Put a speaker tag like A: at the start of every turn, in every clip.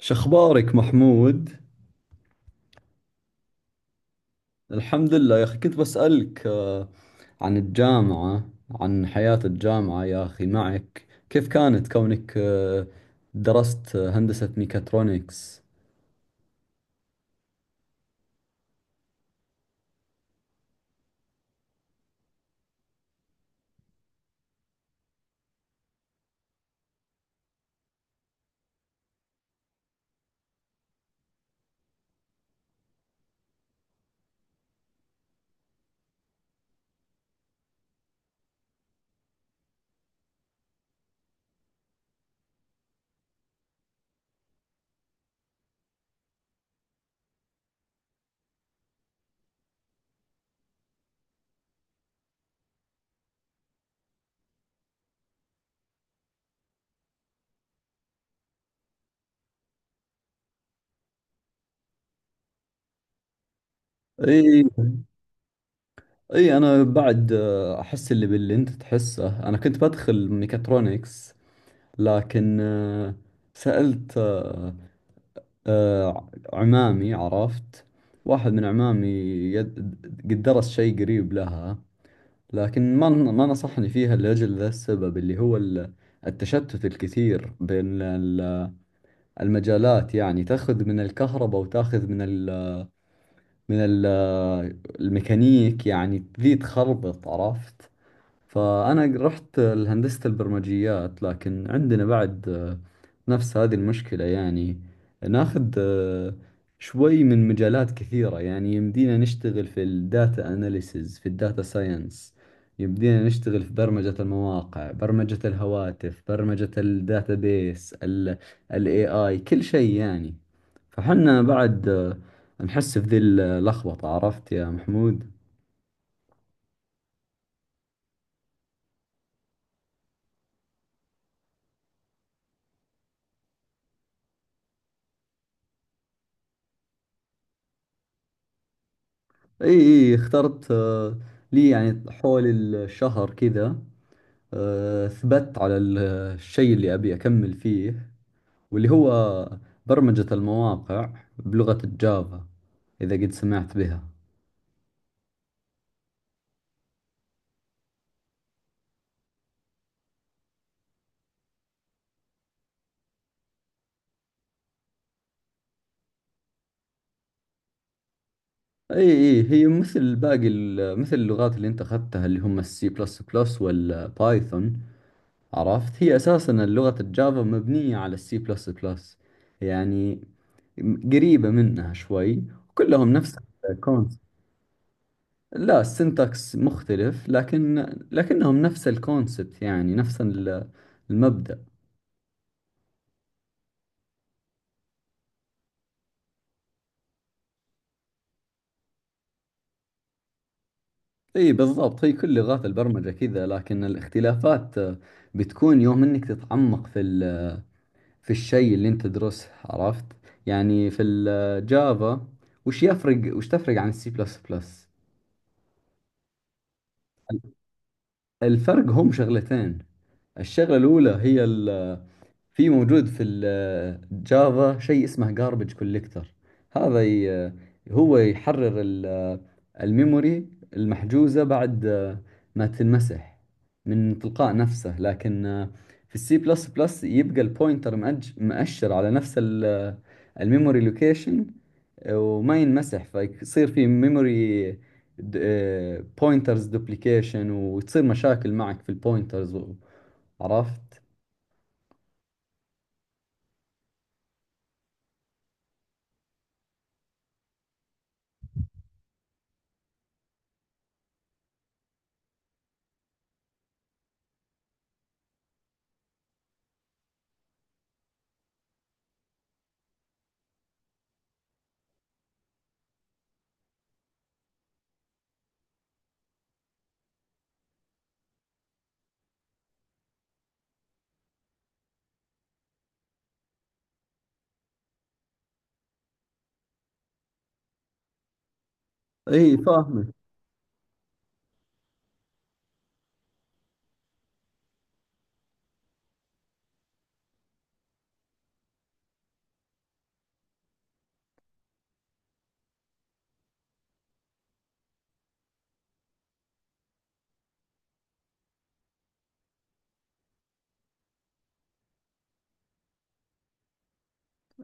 A: شخبارك محمود؟ الحمد لله يا أخي، كنت بسألك عن الجامعة، عن حياة الجامعة. يا أخي معك، كيف كانت كونك درست هندسة ميكاترونكس؟ إي إي أنا بعد أحس باللي أنت تحسه. أنا كنت بدخل ميكاترونكس، لكن سألت عمامي، عرفت واحد من عمامي يد- قد درس شيء قريب لها، لكن ما نصحني فيها لأجل ذا السبب، اللي هو التشتت الكثير بين المجالات. يعني تأخذ من الكهرباء وتأخذ من ال من ال الميكانيك، يعني ذي تخربط، عرفت. فأنا رحت لهندسة البرمجيات، لكن عندنا بعد نفس هذه المشكلة، يعني ناخذ شوي من مجالات كثيرة. يعني يمدينا نشتغل في الداتا أناليسز، في الداتا ساينس، يمدينا نشتغل في برمجة المواقع، برمجة الهواتف، برمجة الداتابيس، ال ال AI، كل شيء يعني. فحنا بعد نحس في ذي اللخبطة، عرفت يا محمود. اي اخترت لي يعني حول الشهر كذا ثبت على الشيء اللي ابي اكمل فيه، واللي هو برمجة المواقع بلغة الجافا، اذا قد سمعت بها. اي هي مثل باقي مثل اللغات اللي انت اخذتها، اللي هم السي بلس بلس والبايثون، عرفت. هي اساسا لغة الجافا مبنية على السي بلس بلس، يعني قريبة منها شوي. كلهم نفس الكونسبت. لا، السنتكس مختلف، لكن لكنهم نفس الكونسبت، يعني نفس المبدأ. اي بالضبط، هي كل لغات البرمجة كذا. لكن الاختلافات بتكون يوم انك تتعمق في في الشيء اللي انت تدرسه، عرفت. يعني في الجافا، وش تفرق عن السي بلس بلس؟ الفرق هم شغلتين. الشغلة الأولى هي في، موجود في الجافا شيء اسمه garbage collector. هذا ي- هو يحرر الميموري المحجوزة بعد ما تنمسح، من تلقاء نفسه. لكن في السي بلس بلس يبقى البوينتر مأشر على نفس الميموري لوكيشن، وما ينمسح، فيصير في ميموري بوينترز دوبليكيشن، وتصير مشاكل معك في البوينترز، عرفت؟ اي فاهمك.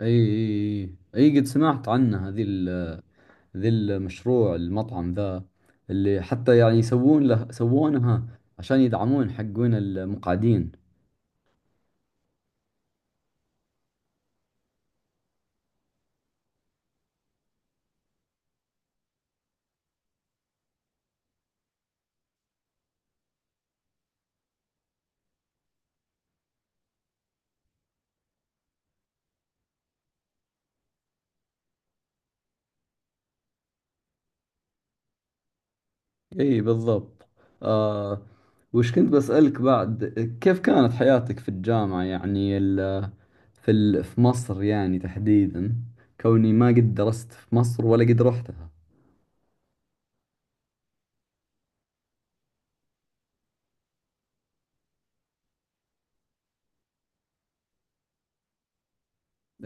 A: اي اي اي قد سمعت عنه، هذي ذي المشروع المطعم ذا اللي حتى يعني يسوون له سوونها عشان يدعمون حقون المقعدين. اي بالضبط. آه، وش كنت بسألك بعد؟ كيف كانت حياتك في الجامعة؟ يعني ال في ال في مصر يعني تحديدا، كوني ما قد درست في مصر ولا قد رحتها.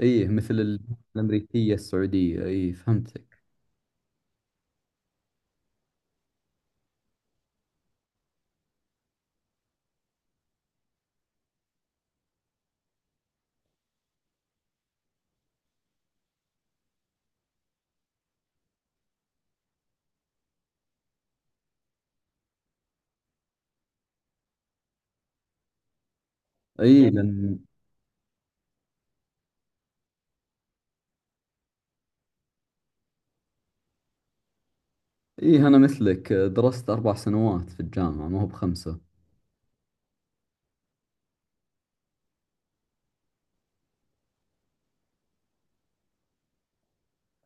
A: اي مثل الأمريكية السعودية، اي فهمتك. اي لأن إيه، أنا مثلك درست أربع سنوات في الجامعة، ما هو بخمسة.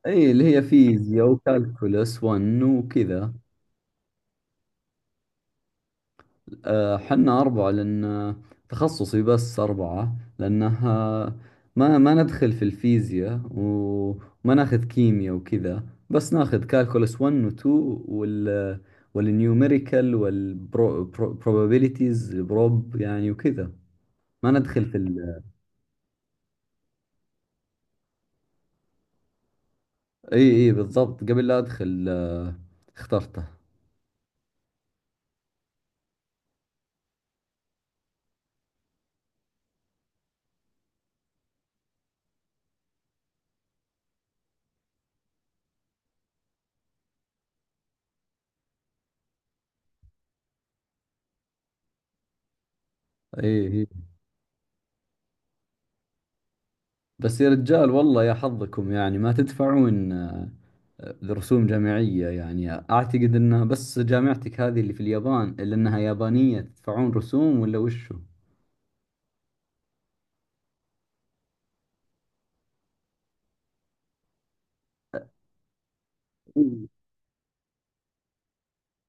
A: إيه، اللي هي فيزياء وكالكولس 1 وكذا. آه، حنا أربعة لأن تخصصي بس أربعة، لأنها ما ندخل في الفيزياء، وما ناخذ كيمياء وكذا. بس ناخذ كالكولس 1 و 2 وال والنيوميريكال والبروبابيليتيز، بروب يعني، وكذا. ما ندخل في ال... اي بالضبط، قبل لا ادخل اخترته. إيه. بس يا رجال، والله يا حظكم، يعني ما تدفعون رسوم جامعية. يعني اعتقد انها بس جامعتك هذه اللي في اليابان اللي انها يابانية تدفعون رسوم، ولا وشو؟ اي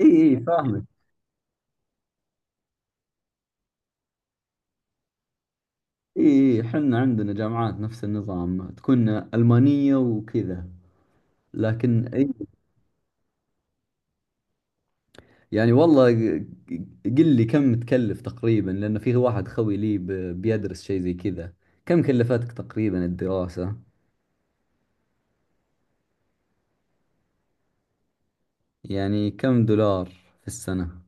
A: اي فاهمك. اي احنا عندنا جامعات نفس النظام، تكون ألمانية وكذا، لكن اي. يعني والله، قل لي كم تكلف تقريبا، لأن فيه واحد خوي لي بيدرس شيء زي كذا. كم كلفتك تقريبا الدراسة؟ يعني كم دولار في السنة.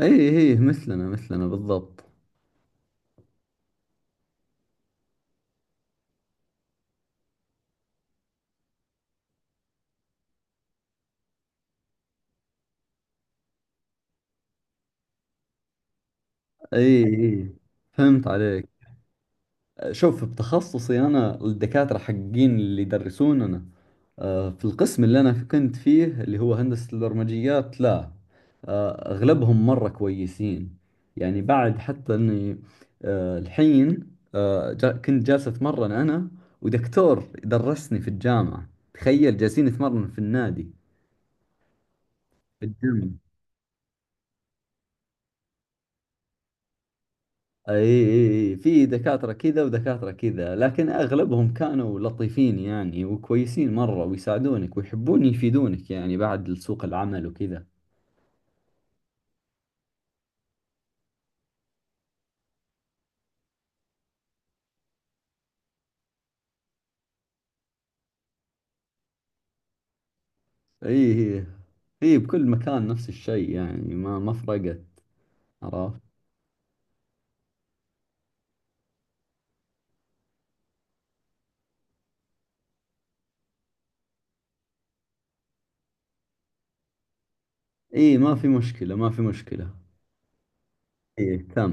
A: اي مثلنا مثلنا بالضبط. اي فهمت عليك. شوف، بتخصصي انا الدكاترة حقين اللي يدرسوننا في القسم اللي انا كنت فيه، اللي هو هندسة البرمجيات، لا، اغلبهم مرة كويسين. يعني بعد حتى اني الحين كنت جالس اتمرن انا، ودكتور درسني في الجامعة، تخيل جالسين نتمرن في النادي، في الجيم. اي اي في دكاترة كذا ودكاترة كذا، لكن اغلبهم كانوا لطيفين يعني، وكويسين مرة، ويساعدونك ويحبون يفيدونك يعني بعد سوق العمل وكذا. اي اي اي بكل مكان نفس الشيء، يعني ما فرقت، عرفت. اي ما في مشكلة، ما في مشكلة. اي تم.